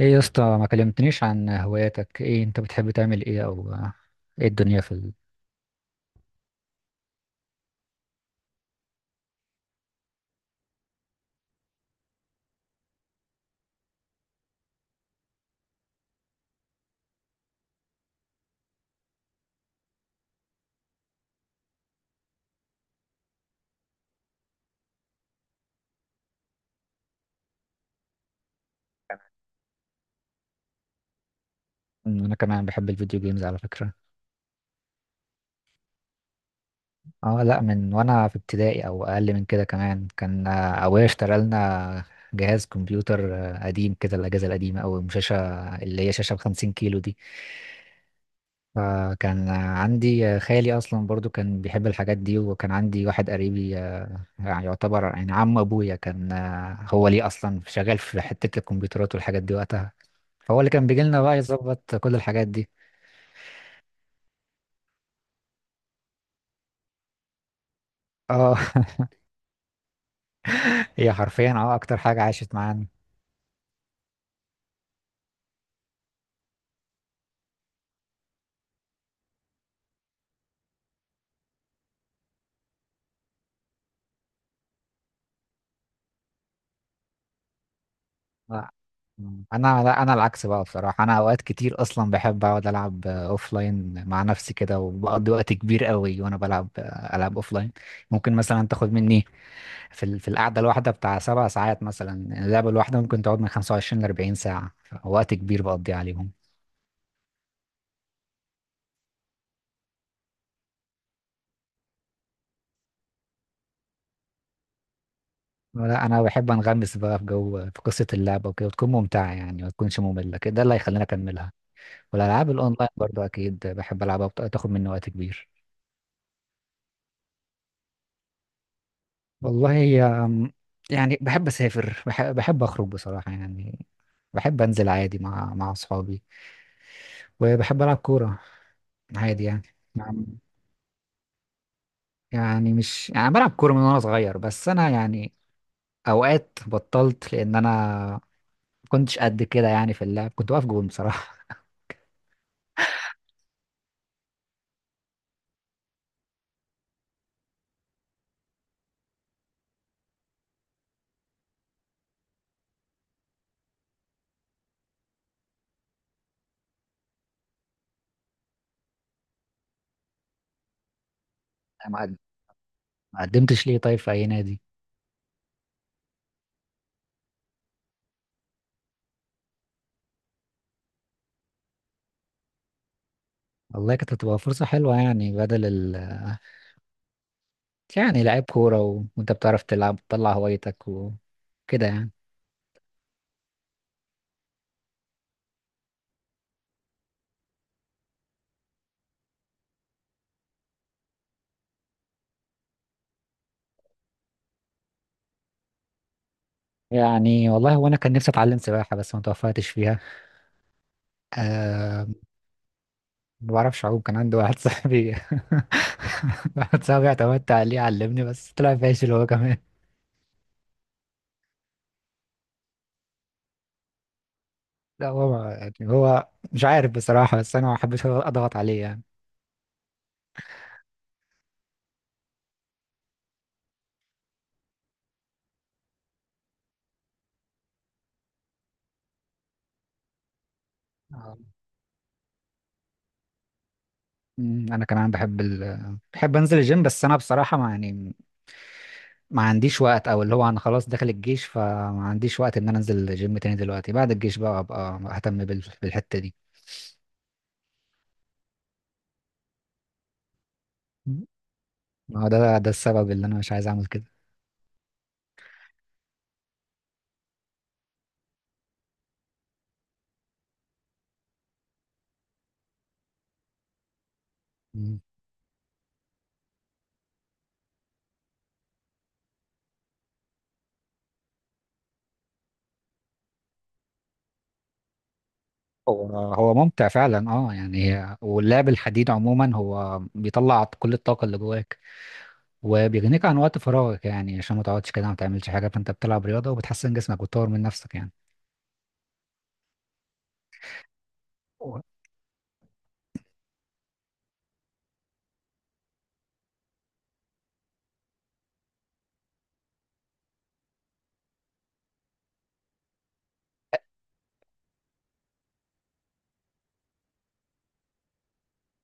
ايه يا اسطى؟ ما كلمتنيش عن هواياتك. ايه انت بتحب تعمل؟ ايه او ايه الدنيا انا كمان بحب الفيديو جيمز على فكرة. اه، لا، من وانا في ابتدائي او اقل من كده كمان، كان ابويا اشترى لنا جهاز كمبيوتر، قديم كده، الاجهزة القديمة، او شاشة اللي هي شاشة بخمسين كيلو دي. فكان عندي خالي اصلا برضو كان بيحب الحاجات دي، وكان عندي واحد قريبي، يعني يعتبر يعني عم ابويا، كان هو ليه اصلا شغال في حتة الكمبيوترات والحاجات دي وقتها. فهو اللي كان بيجي لنا بقى يظبط كل الحاجات دي. اه. هي حرفيا اكتر حاجة عاشت معانا. لا. انا لا، انا العكس بقى بصراحة. انا اوقات كتير اصلا بحب اقعد العب اوف لاين مع نفسي كده، وبقضي وقت كبير قوي وانا بلعب. العب اوف لاين ممكن مثلا تاخد مني في القعدة الواحدة بتاع سبع ساعات مثلا. اللعبة الواحدة ممكن تقعد من 25 ل 40 ساعة، وقت كبير بقضي عليهم. لا، انا بحب انغمس بقى في جو، في قصة اللعبة وكده، وتكون ممتعة يعني، ما تكونش مملة كده، ده اللي هيخليني اكملها. والألعاب الأونلاين برضو أكيد بحب ألعبها، تاخد مني وقت كبير. والله هي يعني بحب أسافر، بحب أخرج بصراحة يعني. بحب أنزل عادي مع أصحابي، وبحب ألعب كورة عادي يعني. يعني يعني مش يعني بلعب كورة من وأنا صغير، بس أنا يعني أوقات بطلت، لأن أنا كنتش قد كده يعني في اللعب، كنت واقف جون بصراحة. ما قد- ما قدمتش ليه طيب في أي نادي؟ والله كانت هتبقى فرصة حلوة يعني، بدل ال يعني لعيب كورة وانت بتعرف تلعب، تطلع هوايتك وكده يعني. يعني والله وانا كان نفسي اتعلم سباحة، بس ما توفقتش فيها. أه... ما بعرفش اعوم. كان عندي واحد صاحبي، واحد صاحبي اعتمدت عليه علمني بس طلع فاشل هو كمان. لا هو يعني هو مش عارف بصراحة، بس انا ما بحبش اضغط عليه يعني. آه. انا كمان بحب بحب انزل الجيم، بس انا بصراحة ما يعني ما عنديش وقت، او اللي هو انا خلاص داخل الجيش، فما عنديش وقت ان انا انزل الجيم تاني دلوقتي. بعد الجيش بقى ابقى اهتم بالحتة دي. ما هو ده السبب اللي انا مش عايز اعمل كده. مم. هو ممتع فعلا، اه يعني واللعب الحديد عموما هو بيطلع كل الطاقة اللي جواك، وبيغنيك عن وقت فراغك يعني، عشان ما تقعدش كده ما تعملش حاجة، فانت بتلعب رياضة وبتحسن جسمك وتطور من نفسك يعني.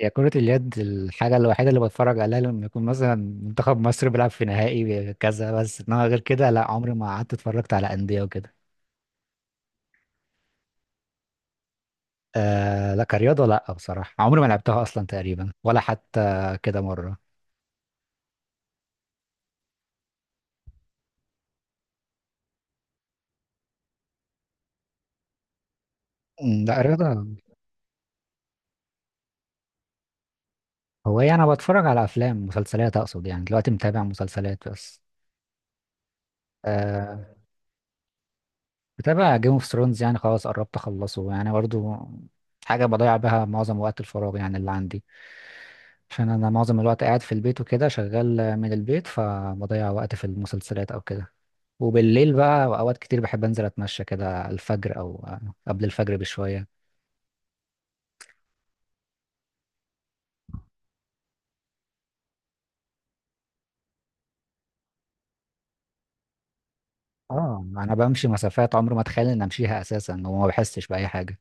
هي كرة اليد الحاجة الوحيدة اللي بتفرج عليها لما يكون مثلا منتخب مصر بيلعب في نهائي كذا بس، انما غير كده لا، عمري ما قعدت اتفرجت على أندية وكده. آه لا، كرياضة لا بصراحة، عمري ما لعبتها أصلا تقريبا، ولا حتى كده مرة. لا رياضة. هو يعني أنا بتفرج على أفلام، مسلسلات أقصد، يعني دلوقتي متابع مسلسلات بس. آه بتابع جيم اوف ثرونز، يعني خلاص قربت أخلصه يعني، برضو حاجة بضيع بها معظم وقت الفراغ يعني اللي عندي، عشان انا معظم الوقت قاعد في البيت وكده، شغال من البيت، فبضيع وقت في المسلسلات او كده. وبالليل بقى اوقات كتير بحب انزل اتمشى كده الفجر، او قبل الفجر بشوية. اه، انا بمشي مسافات عمري ما اتخيل ان امشيها اساسا، وما بحسش باي حاجة.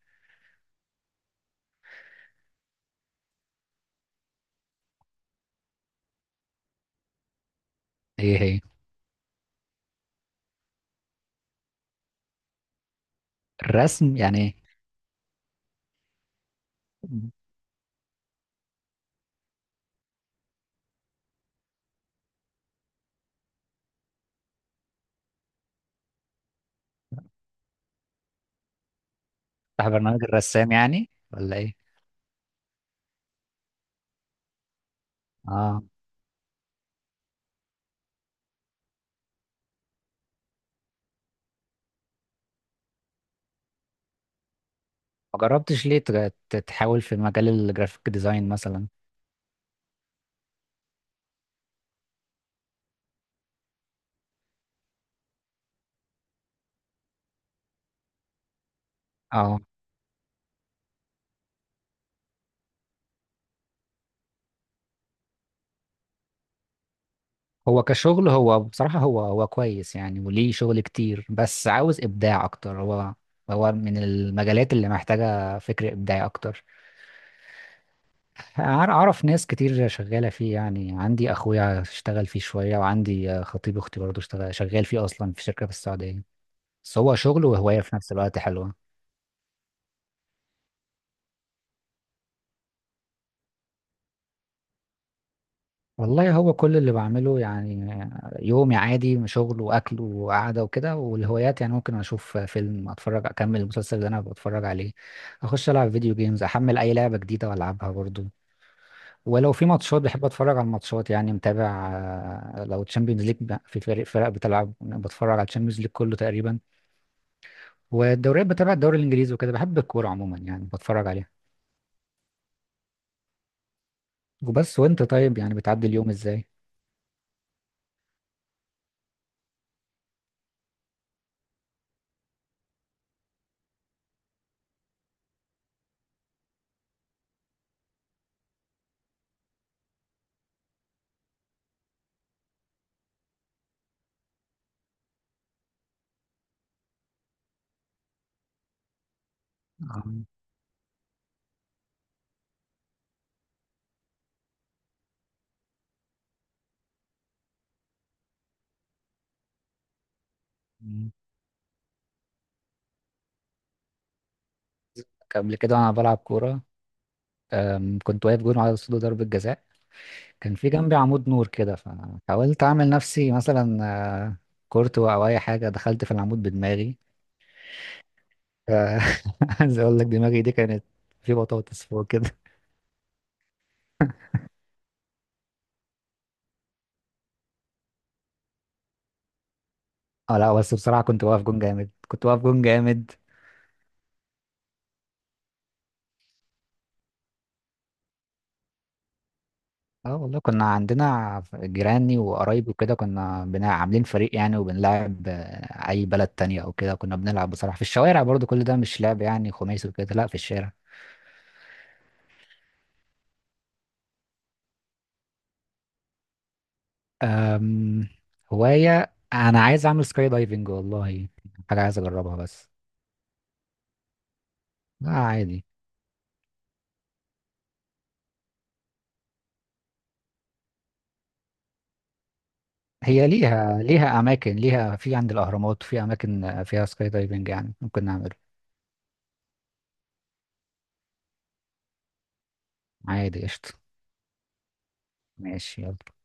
ايه هي؟ الرسم يعني إيه؟ بتاع برنامج الرسام يعني ولا ايه؟ اه، ما جربتش ليه تحاول في مجال الجرافيك ديزاين مثلا؟ اه، هو كشغل هو بصراحة، هو كويس يعني، وليه شغل كتير، بس عاوز إبداع أكتر هو. هو من المجالات اللي محتاجة فكر إبداعي أكتر. أعرف ناس كتير شغالة فيه يعني، عندي أخويا اشتغل فيه شوية، وعندي خطيب أختي برضه اشتغل شغال فيه أصلا في شركة في السعودية. بس هو شغل وهواية في نفس الوقت، حلوة. والله هو كل اللي بعمله يعني يومي عادي، شغل واكل وقعده وكده. والهوايات يعني، ممكن اشوف فيلم، اتفرج اكمل المسلسل اللي انا بتفرج عليه، اخش العب فيديو جيمز، احمل اي لعبه جديده والعبها برضو. ولو في ماتشات بحب اتفرج على الماتشات يعني، متابع. لو تشامبيونز ليج في فريق، فرق بتلعب، بتفرج على تشامبيونز ليج كله تقريبا. والدوريات بتابع الدوري الانجليزي وكده، بحب الكوره عموما يعني بتفرج عليها. وبس. وانت طيب يعني بتعدي اليوم ازاي؟ آه. قبل كده انا بلعب كوره. كنت واقف جون على اسطول ضربة جزاء، كان في جنبي عمود نور كده، فحاولت اعمل نفسي مثلا آه، كورتو او اي حاجة، دخلت في العمود بدماغي. آه، عايز اقول لك دماغي دي كانت في بطاطس فوق كده. اه لا بس بصراحة كنت واقف جون جامد، كنت واقف جون جامد. اه والله كنا عندنا جيراني وقرايبي وكده، كنا بنا عاملين فريق يعني، وبنلعب اي بلد تانية او كده، كنا بنلعب بصراحة في الشوارع، برضو كل ده مش لعب يعني خماسي وكده، لا في الشارع. أم، هواية أنا عايز أعمل سكاي دايفنج والله، حاجة عايز أجربها بس. لا عادي. هي ليها أماكن، ليها في عند الأهرامات في أماكن فيها سكاي دايفنج، يعني ممكن نعمله. عادي قشطة. ماشي يلا